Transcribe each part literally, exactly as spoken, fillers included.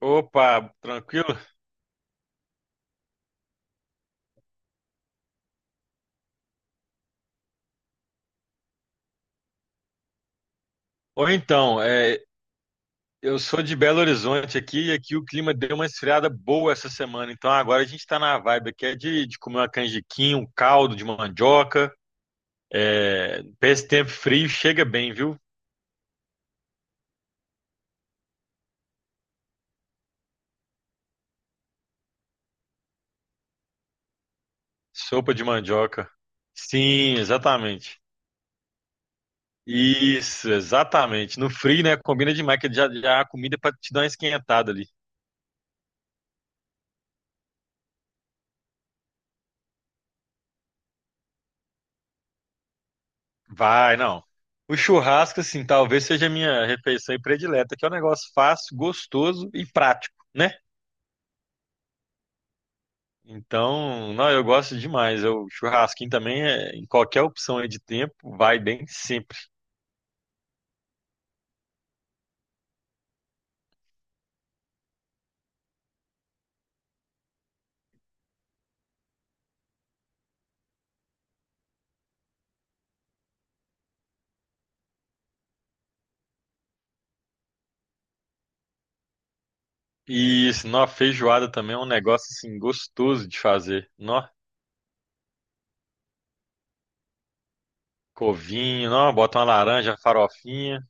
Opa, tranquilo? Ou então, é, eu sou de Belo Horizonte aqui e aqui o clima deu uma esfriada boa essa semana. Então agora a gente tá na vibe aqui é de, de comer uma canjiquinha, um caldo de mandioca. É, pra esse tempo frio chega bem, viu? Sopa de mandioca. Sim, exatamente. Isso, exatamente. No frio, né? Combina demais, que já, já a comida é pra te dar uma esquentada ali. Vai, não. O churrasco, assim, talvez seja a minha refeição predileta, que é um negócio fácil, gostoso e prático, né? Então, não, eu gosto demais. Eu- O churrasquinho também, é, em qualquer opção aí de tempo, vai bem sempre. E isso, não, a feijoada também é um negócio, assim, gostoso de fazer. Não, covinho, não, bota uma laranja, farofinha,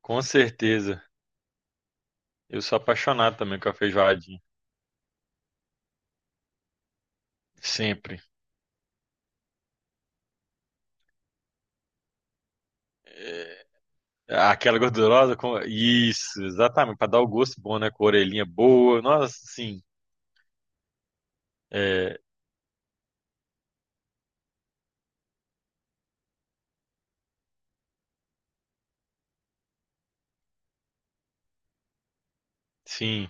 com certeza. Eu sou apaixonado também com a feijoadinha, sempre. Aquela gordurosa com. Isso, exatamente, para dar o gosto bom, né? Com a orelhinha boa. Nossa, sim. É, sim.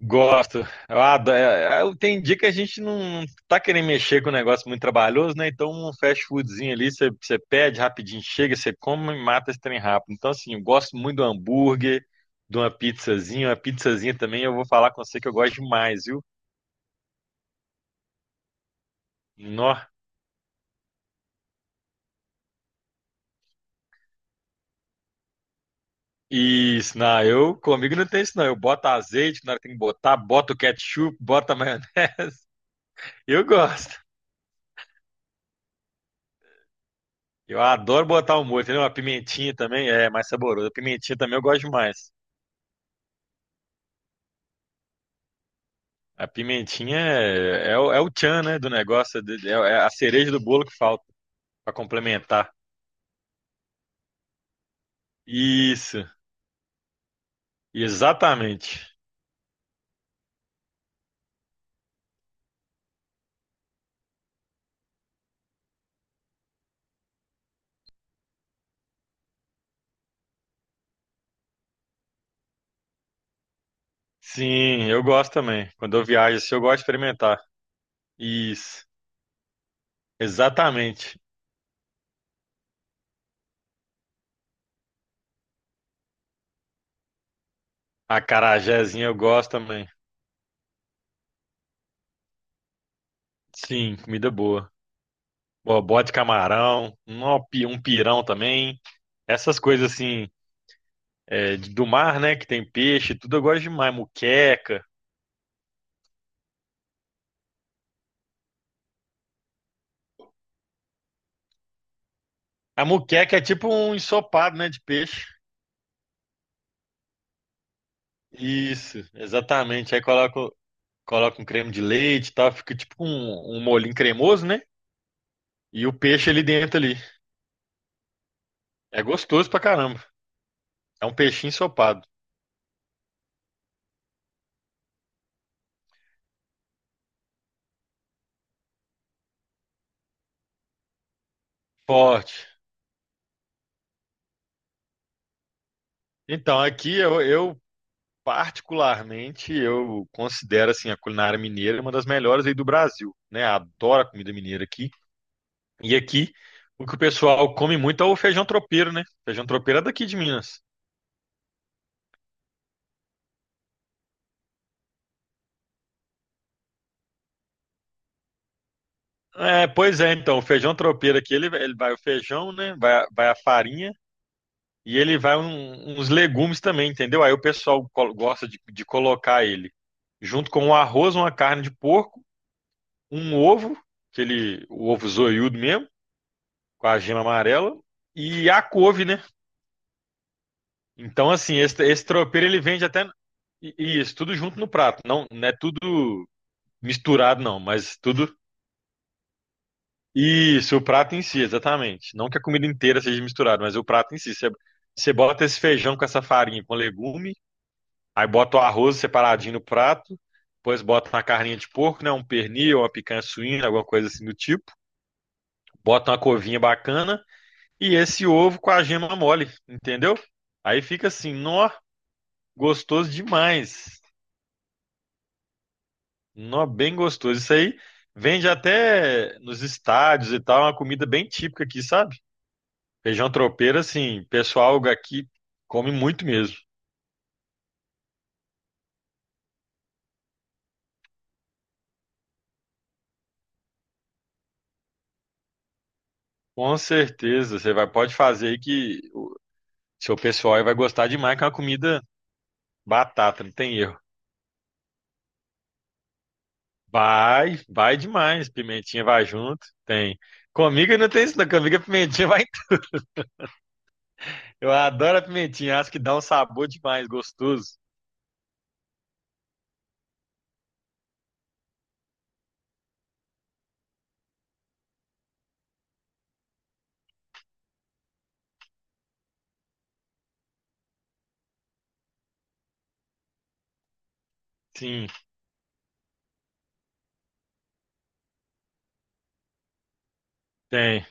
Gosto. Eu adoro. é, é, eu- Tem dia que a gente não tá querendo mexer com um negócio muito trabalhoso, né? Então, um fast foodzinho ali, você você pede rapidinho, chega, você come e mata esse trem rápido. Então, assim, eu gosto muito do hambúrguer, de uma pizzazinha. Uma pizzazinha também, eu vou falar com você que eu gosto demais, viu? Nó. Isso, não, eu comigo não tem isso não. Eu boto azeite na hora que tem que botar, boto o ketchup, boto a maionese. Eu gosto. Eu adoro botar um molho, entendeu? Uma pimentinha também é mais saborosa. A pimentinha também eu gosto demais. A pimentinha é, é, o é o tchan, né, do negócio, é, de- é é a cereja do bolo que falta pra complementar. Isso, exatamente. Sim, eu gosto também. Quando eu viajo, assim, eu gosto de experimentar. Isso, exatamente. A Acarajézinho eu gosto também. Sim, comida boa. Bo- Bote camarão, um pi- um pirão também. Essas coisas assim, é, de- do mar, né? Que tem peixe, tudo eu gosto demais. Muqueca. A muqueca é tipo um ensopado, né? De peixe. Isso, exatamente. Aí coloca, coloca um creme de leite e tal. Fica tipo um, um molhinho cremoso, né? E o peixe ali dentro ali. É gostoso pra caramba. É um peixinho ensopado. Forte. Então, aqui eu, eu particularmente, eu considero assim a culinária mineira uma das melhores aí do Brasil, né? Adoro a comida mineira aqui. E aqui, o que o pessoal come muito é o feijão tropeiro, né? Feijão tropeiro é daqui de Minas. É, pois é, então, o feijão tropeiro aqui, ele, ele vai o feijão, né? Vai, a- vai a farinha e ele vai um- uns legumes também, entendeu? Aí o pessoal col- gosta de, de colocar ele junto com um arroz, uma carne de porco, um ovo, aquele o ovo zoiudo mesmo, com a gema amarela, e a couve, né? Então, assim, esse, esse tropeiro ele vende até. e- e Isso, tudo junto no prato. Não, não é tudo misturado, não, mas tudo. Isso, o prato em si, exatamente. Não que a comida inteira seja misturada, mas o prato em si. Você, você bota esse feijão com essa farinha com legume, aí bota o arroz separadinho no prato, depois bota uma carninha de porco, né? Um pernil, uma picanha suína, alguma coisa assim do tipo. Bota uma covinha bacana e esse ovo com a gema mole, entendeu? Aí fica assim, nó, gostoso demais. Nó, bem gostoso. Isso aí vende até nos estádios e tal, é uma comida bem típica aqui, sabe? Feijão tropeiro, assim, pessoal aqui come muito mesmo. Com certeza, você vai, pode fazer aí que o seu pessoal aí vai gostar demais, que é uma comida batata, não tem erro. Vai, vai demais, pimentinha vai junto, tem. Comigo não tem isso, não. Comigo a pimentinha vai. Eu adoro a pimentinha, acho que dá um sabor demais, gostoso. Sim, tem.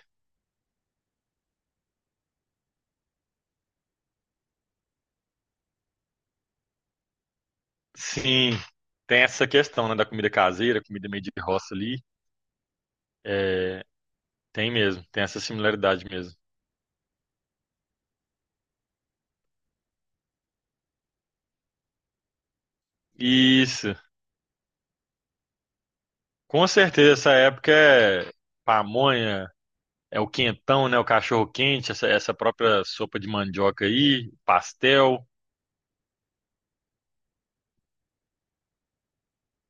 Sim, tem essa questão, né, da comida caseira, comida meio de roça ali. É, tem mesmo, tem essa similaridade mesmo. Isso, com certeza, essa época é pamonha, é o quentão, né, o cachorro quente, essa, essa própria sopa de mandioca aí, pastel,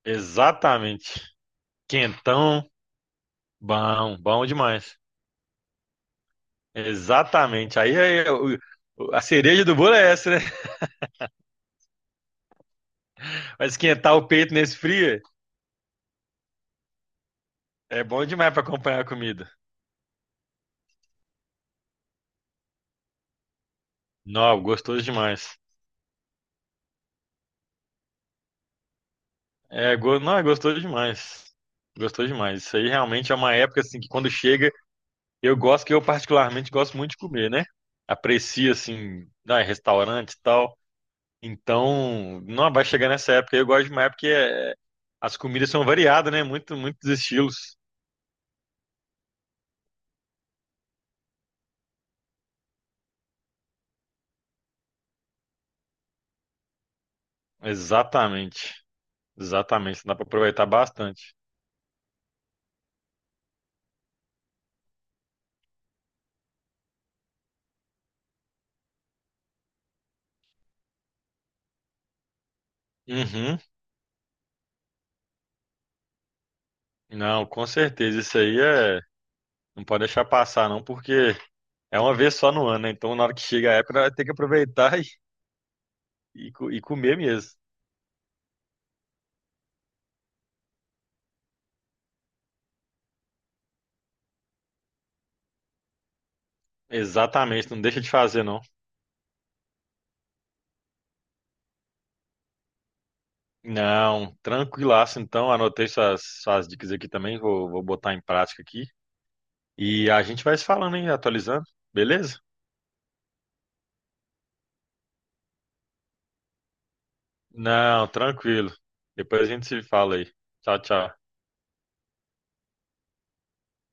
exatamente. Quentão, bom, bom demais. Exatamente. Aí, é é, o- o- a cereja do bolo é essa, né? Mas esquentar o peito nesse frio é bom demais para acompanhar a comida. Não, gostoso demais. É, go- não, gostou demais. Gostou demais. Isso aí realmente é uma época assim que quando chega, eu gosto que eu particularmente gosto muito de comer, né? Aprecio assim, ah, restaurante e tal. Então, não vai chegar nessa época. Eu gosto demais porque é, as comidas são variadas, né? Muito, muitos estilos. Exatamente. Exatamente. Dá pra aproveitar bastante. Uhum. Não, com certeza. Isso aí é. Não pode deixar passar, não, porque é uma vez só no ano, né? Então, na hora que chega a época, vai ter que aproveitar E, co- e comer mesmo. Exatamente, não deixa de fazer, não. Não, tranquilaço, então. Anotei suas, suas dicas aqui também, vou, vou botar em prática aqui. E a gente vai se falando, hein? Atualizando, beleza? Não, tranquilo. Depois a gente se fala aí. Tchau, tchau.